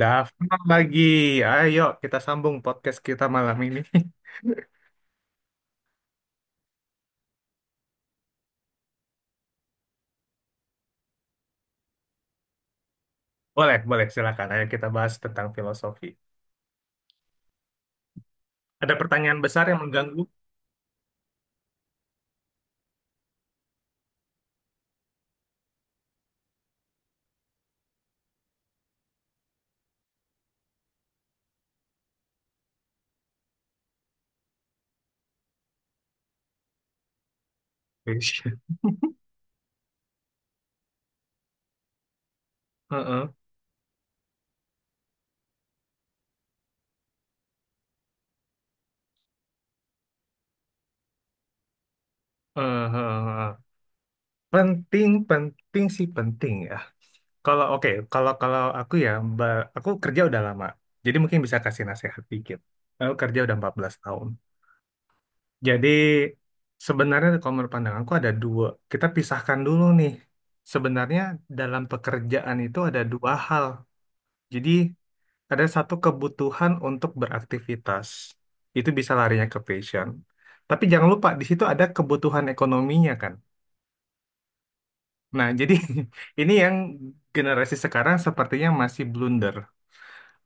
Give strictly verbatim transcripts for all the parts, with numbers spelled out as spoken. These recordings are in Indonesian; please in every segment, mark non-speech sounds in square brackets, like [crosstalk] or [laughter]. Daftar lagi. Ayo kita sambung podcast kita malam ini. [laughs] Boleh, boleh, silakan. Ayo kita bahas tentang filosofi. Ada pertanyaan besar yang mengganggu. Ish. [laughs] Heeh. Heeh, penting, penting sih penting ya. Kalau oke, kalau kalau aku ya, ba- aku kerja udah lama. Jadi mungkin bisa kasih nasihat dikit. Aku kerja udah empat belas tahun. Jadi sebenarnya kalau menurut pandanganku ada dua. Kita pisahkan dulu nih. Sebenarnya dalam pekerjaan itu ada dua hal. Jadi ada satu kebutuhan untuk beraktivitas. Itu bisa larinya ke passion. Tapi jangan lupa di situ ada kebutuhan ekonominya kan. Nah, jadi [laughs] ini yang generasi sekarang sepertinya masih blunder.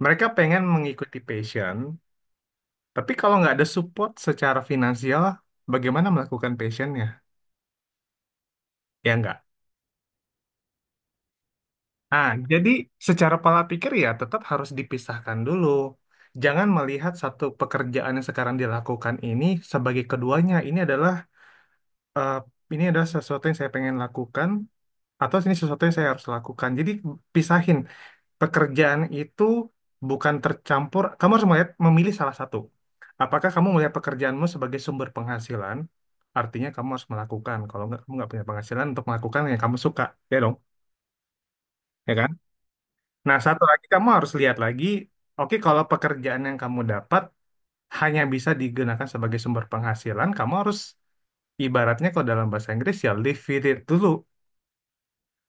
Mereka pengen mengikuti passion, tapi kalau nggak ada support secara finansial, bagaimana melakukan passionnya? Ya nggak. Nah, jadi secara pola pikir ya tetap harus dipisahkan dulu. Jangan melihat satu pekerjaan yang sekarang dilakukan ini sebagai keduanya. Ini adalah eh, ini adalah sesuatu yang saya pengen lakukan atau ini sesuatu yang saya harus lakukan. Jadi pisahin pekerjaan itu bukan tercampur. Kamu harus melihat memilih salah satu. Apakah kamu melihat pekerjaanmu sebagai sumber penghasilan? Artinya kamu harus melakukan. Kalau nggak kamu nggak punya penghasilan untuk melakukan yang kamu suka, ya dong, ya kan? Nah satu lagi kamu harus lihat lagi. Oke, kalau pekerjaan yang kamu dapat hanya bisa digunakan sebagai sumber penghasilan, kamu harus ibaratnya kalau dalam bahasa Inggris ya live with it dulu.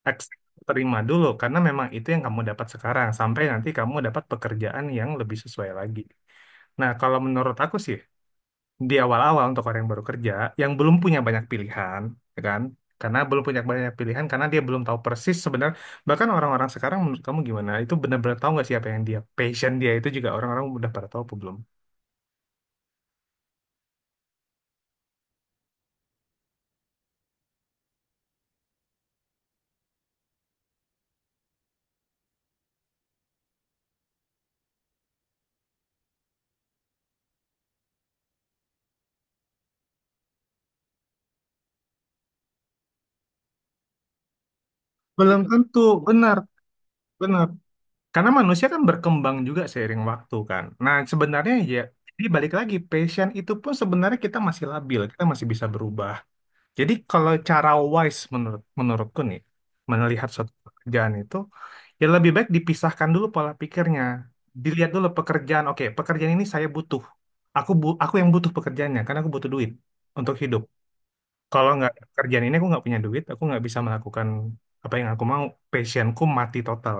Ex- Terima dulu karena memang itu yang kamu dapat sekarang sampai nanti kamu dapat pekerjaan yang lebih sesuai lagi. Nah, kalau menurut aku sih di awal-awal untuk orang yang baru kerja yang belum punya banyak pilihan, ya kan? Karena belum punya banyak pilihan karena dia belum tahu persis sebenarnya bahkan orang-orang sekarang menurut kamu gimana? Itu benar-benar tahu nggak sih apa yang dia passion dia itu juga orang-orang udah pada tahu apa belum? Belum tentu, benar, benar. Karena manusia kan berkembang juga seiring waktu kan. Nah, sebenarnya ya, jadi balik lagi, passion itu pun sebenarnya kita masih labil, kita masih bisa berubah. Jadi kalau cara wise menurut menurutku nih, melihat suatu pekerjaan itu, ya lebih baik dipisahkan dulu pola pikirnya. Dilihat dulu pekerjaan, oke, pekerjaan ini saya butuh. Aku bu aku yang butuh pekerjaannya, karena aku butuh duit untuk hidup. Kalau nggak ada kerjaan ini aku nggak punya duit, aku nggak bisa melakukan apa yang aku mau. Passionku mati total.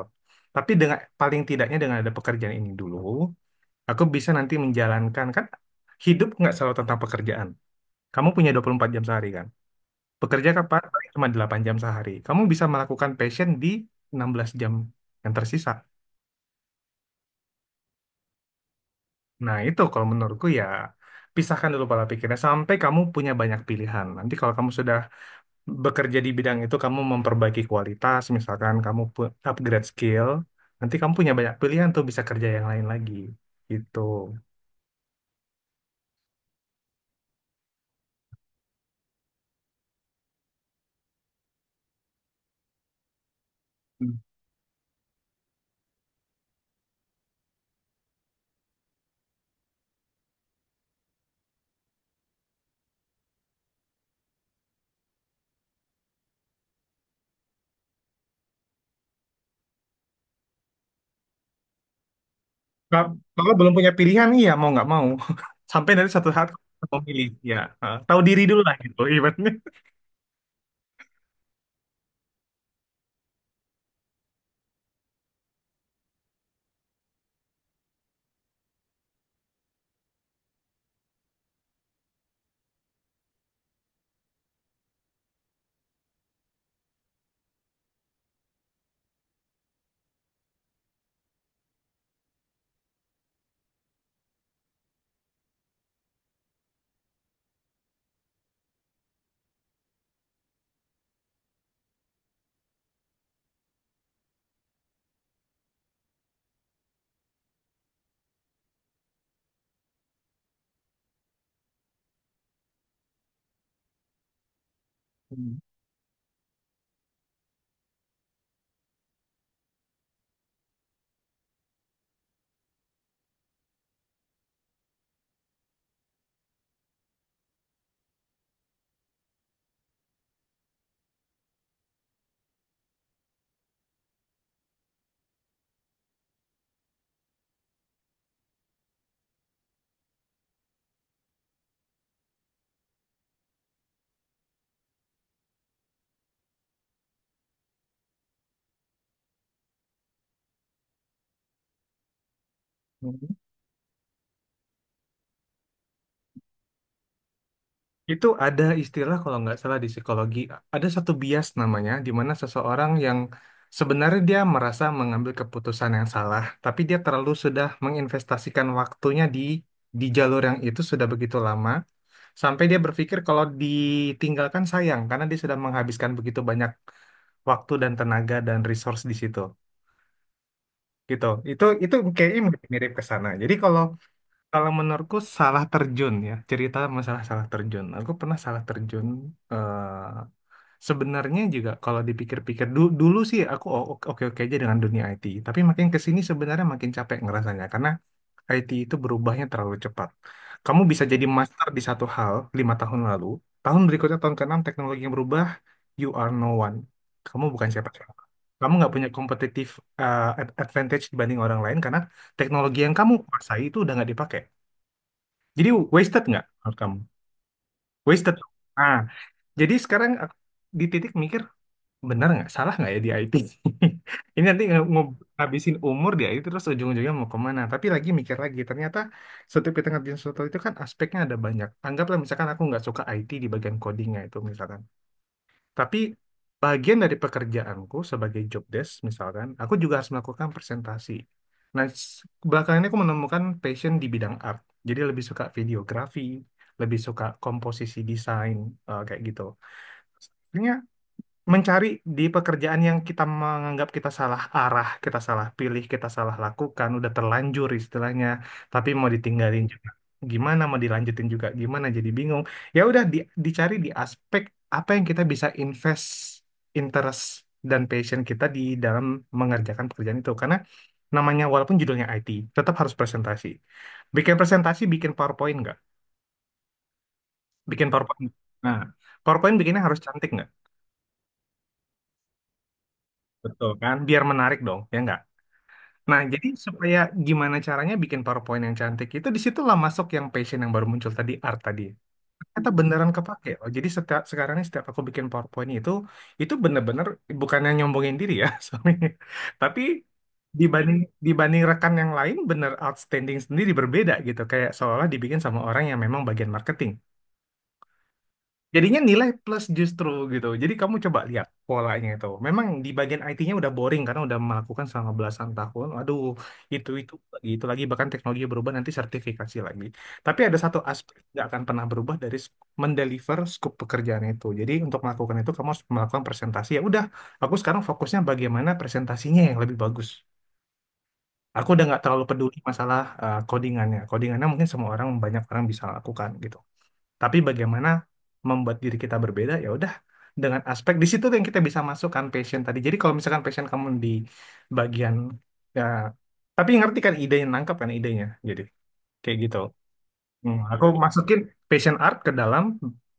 Tapi dengan paling tidaknya dengan ada pekerjaan ini dulu, aku bisa nanti menjalankan kan hidup nggak selalu tentang pekerjaan. Kamu punya dua puluh empat jam sehari kan? Bekerja kapan? Paling Cuma delapan jam sehari. Kamu bisa melakukan passion di enam belas jam yang tersisa. Nah, itu kalau menurutku ya pisahkan dulu pola pikirnya sampai kamu punya banyak pilihan. Nanti kalau kamu sudah bekerja di bidang itu kamu memperbaiki kualitas, misalkan kamu pu- upgrade skill, nanti kamu punya banyak pilihan tuh bisa kerja yang lain lagi. Gitu. Ka- Kalau belum punya pilihan, iya mau nggak mau. [laughs] Sampai nanti satu saat kamu memilih, ya. eh, Tahu diri dulu lah gitu, ibaratnya. Hmm. Itu ada istilah kalau nggak salah di psikologi, ada satu bias namanya, di mana seseorang yang sebenarnya dia merasa mengambil keputusan yang salah, tapi dia terlalu sudah menginvestasikan waktunya di di jalur yang itu sudah begitu lama, sampai dia berpikir kalau ditinggalkan sayang, karena dia sudah menghabiskan begitu banyak waktu dan tenaga dan resource di situ. Gitu. Itu itu kayaknya mirip ke sana. Jadi kalau kalau menurutku salah terjun ya, cerita masalah salah terjun. Aku pernah salah terjun eh, sebenarnya juga kalau dipikir-pikir du- dulu sih aku oke-oke aja dengan dunia I T, tapi makin ke sini sebenarnya makin capek ngerasanya karena I T itu berubahnya terlalu cepat. Kamu bisa jadi master di satu hal lima tahun lalu, tahun berikutnya tahun keenam teknologi yang berubah, you are no one. Kamu bukan siapa-siapa. Kamu nggak punya kompetitif advantage dibanding orang lain karena teknologi yang kamu kuasai itu udah nggak dipakai. Jadi wasted nggak menurut kamu? Wasted. Ah, jadi sekarang aku di titik mikir benar nggak salah nggak ya di I T [laughs] ini nanti nge- nge- ngabisin umur di I T terus ujung-ujungnya mau kemana tapi lagi mikir lagi ternyata setiap kita ngerjain sesuatu itu kan aspeknya ada banyak anggaplah misalkan aku nggak suka I T di bagian codingnya itu misalkan tapi bagian dari pekerjaanku sebagai job desk misalkan aku juga harus melakukan presentasi nah s- belakangan ini aku menemukan passion di bidang art jadi lebih suka videografi lebih suka komposisi desain eh, kayak gitu mencari di pekerjaan yang kita menganggap kita salah arah, kita salah pilih, kita salah lakukan, udah terlanjur istilahnya, tapi mau ditinggalin juga. Gimana mau dilanjutin juga gimana jadi bingung. Ya udah di- dicari di aspek apa yang kita bisa invest interest dan passion kita di dalam mengerjakan pekerjaan itu. Karena namanya walaupun judulnya I T, tetap harus presentasi. Bikin presentasi, bikin PowerPoint nggak? Bikin PowerPoint. Nah, PowerPoint bikinnya harus cantik nggak? Betul kan? Biar menarik dong, ya nggak? Nah, jadi supaya gimana caranya bikin PowerPoint yang cantik itu disitulah masuk yang passion yang baru muncul tadi art tadi. Ternyata beneran kepake loh. Jadi setiap sekarang ini setiap aku bikin PowerPoint itu itu bener-bener bukannya nyombongin diri ya [laughs] soalnya. Tapi dibanding dibanding rekan yang lain bener outstanding sendiri berbeda gitu. Kayak seolah dibikin sama orang yang memang bagian marketing. Jadinya nilai plus justru gitu. Jadi kamu coba lihat polanya itu. Memang di bagian I T-nya udah boring karena udah melakukan selama belasan tahun. Aduh, itu itu lagi itu lagi bahkan teknologi berubah nanti sertifikasi lagi. Tapi ada satu aspek yang nggak akan pernah berubah dari sk- mendeliver scope pekerjaan itu. Jadi untuk melakukan itu kamu harus melakukan presentasi. Ya udah, aku sekarang fokusnya bagaimana presentasinya yang lebih bagus. Aku udah nggak terlalu peduli masalah eh, codingannya. Codingannya mungkin semua orang banyak orang bisa lakukan gitu tapi bagaimana membuat diri kita berbeda ya udah dengan aspek di situ yang kita bisa masukkan passion tadi jadi kalau misalkan passion kamu di bagian ya tapi ngerti kan idenya nangkap kan idenya jadi kayak gitu. Hmm, aku iya, masukin passion art ke dalam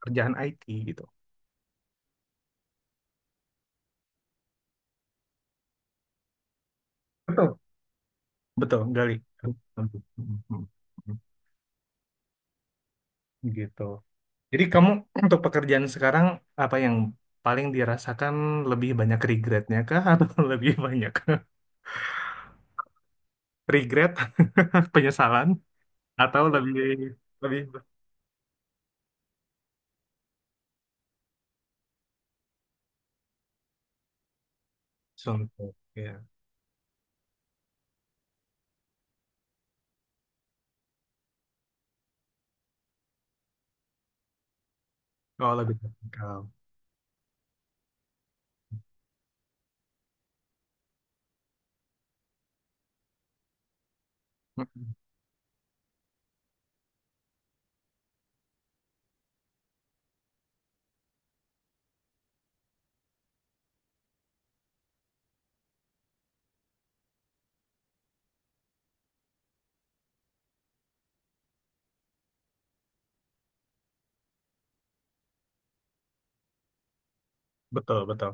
kerjaan I T gitu, betul betul. Gali. Hmm, gitu. Jadi kamu [clears throat] untuk pekerjaan sekarang apa yang paling dirasakan lebih banyak regretnya kah [laughs] atau lebih banyak [laughs] regret [laughs] penyesalan atau lebih lebih contoh ya. Oh lebih teknikal. Mm, betul betul.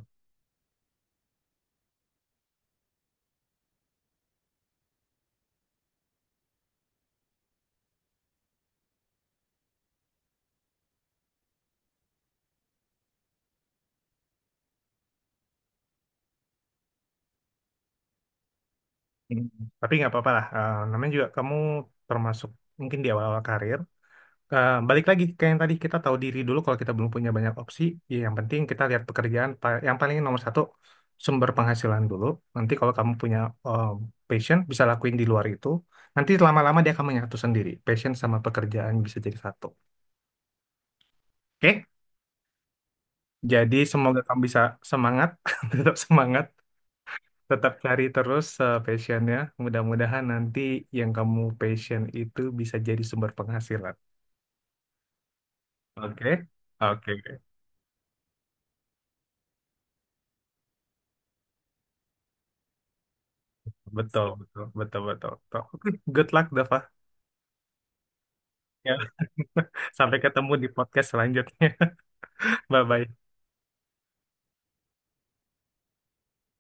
Mm. Tapi nggak apa-apa lah. Eh, namanya juga kamu termasuk mungkin di awal-awal karir. Eh, balik lagi ke yang tadi kita tahu diri dulu kalau kita belum punya banyak opsi ya yang penting kita lihat pekerjaan pa- yang paling nomor satu sumber penghasilan dulu nanti kalau kamu punya eh, passion bisa lakuin di luar itu nanti lama-lama dia akan menyatu sendiri passion sama pekerjaan bisa jadi satu, oke. Jadi semoga kamu bisa semangat [laughs] tetap semangat. Tetap cari terus eh, passionnya. Mudah-mudahan nanti yang kamu passion itu bisa jadi sumber penghasilan. Oke, oke, betul, betul, betul, betul, betul. Oke, good luck, Dava. Ya. [laughs] Sampai ketemu di podcast selanjutnya. [laughs] Bye-bye.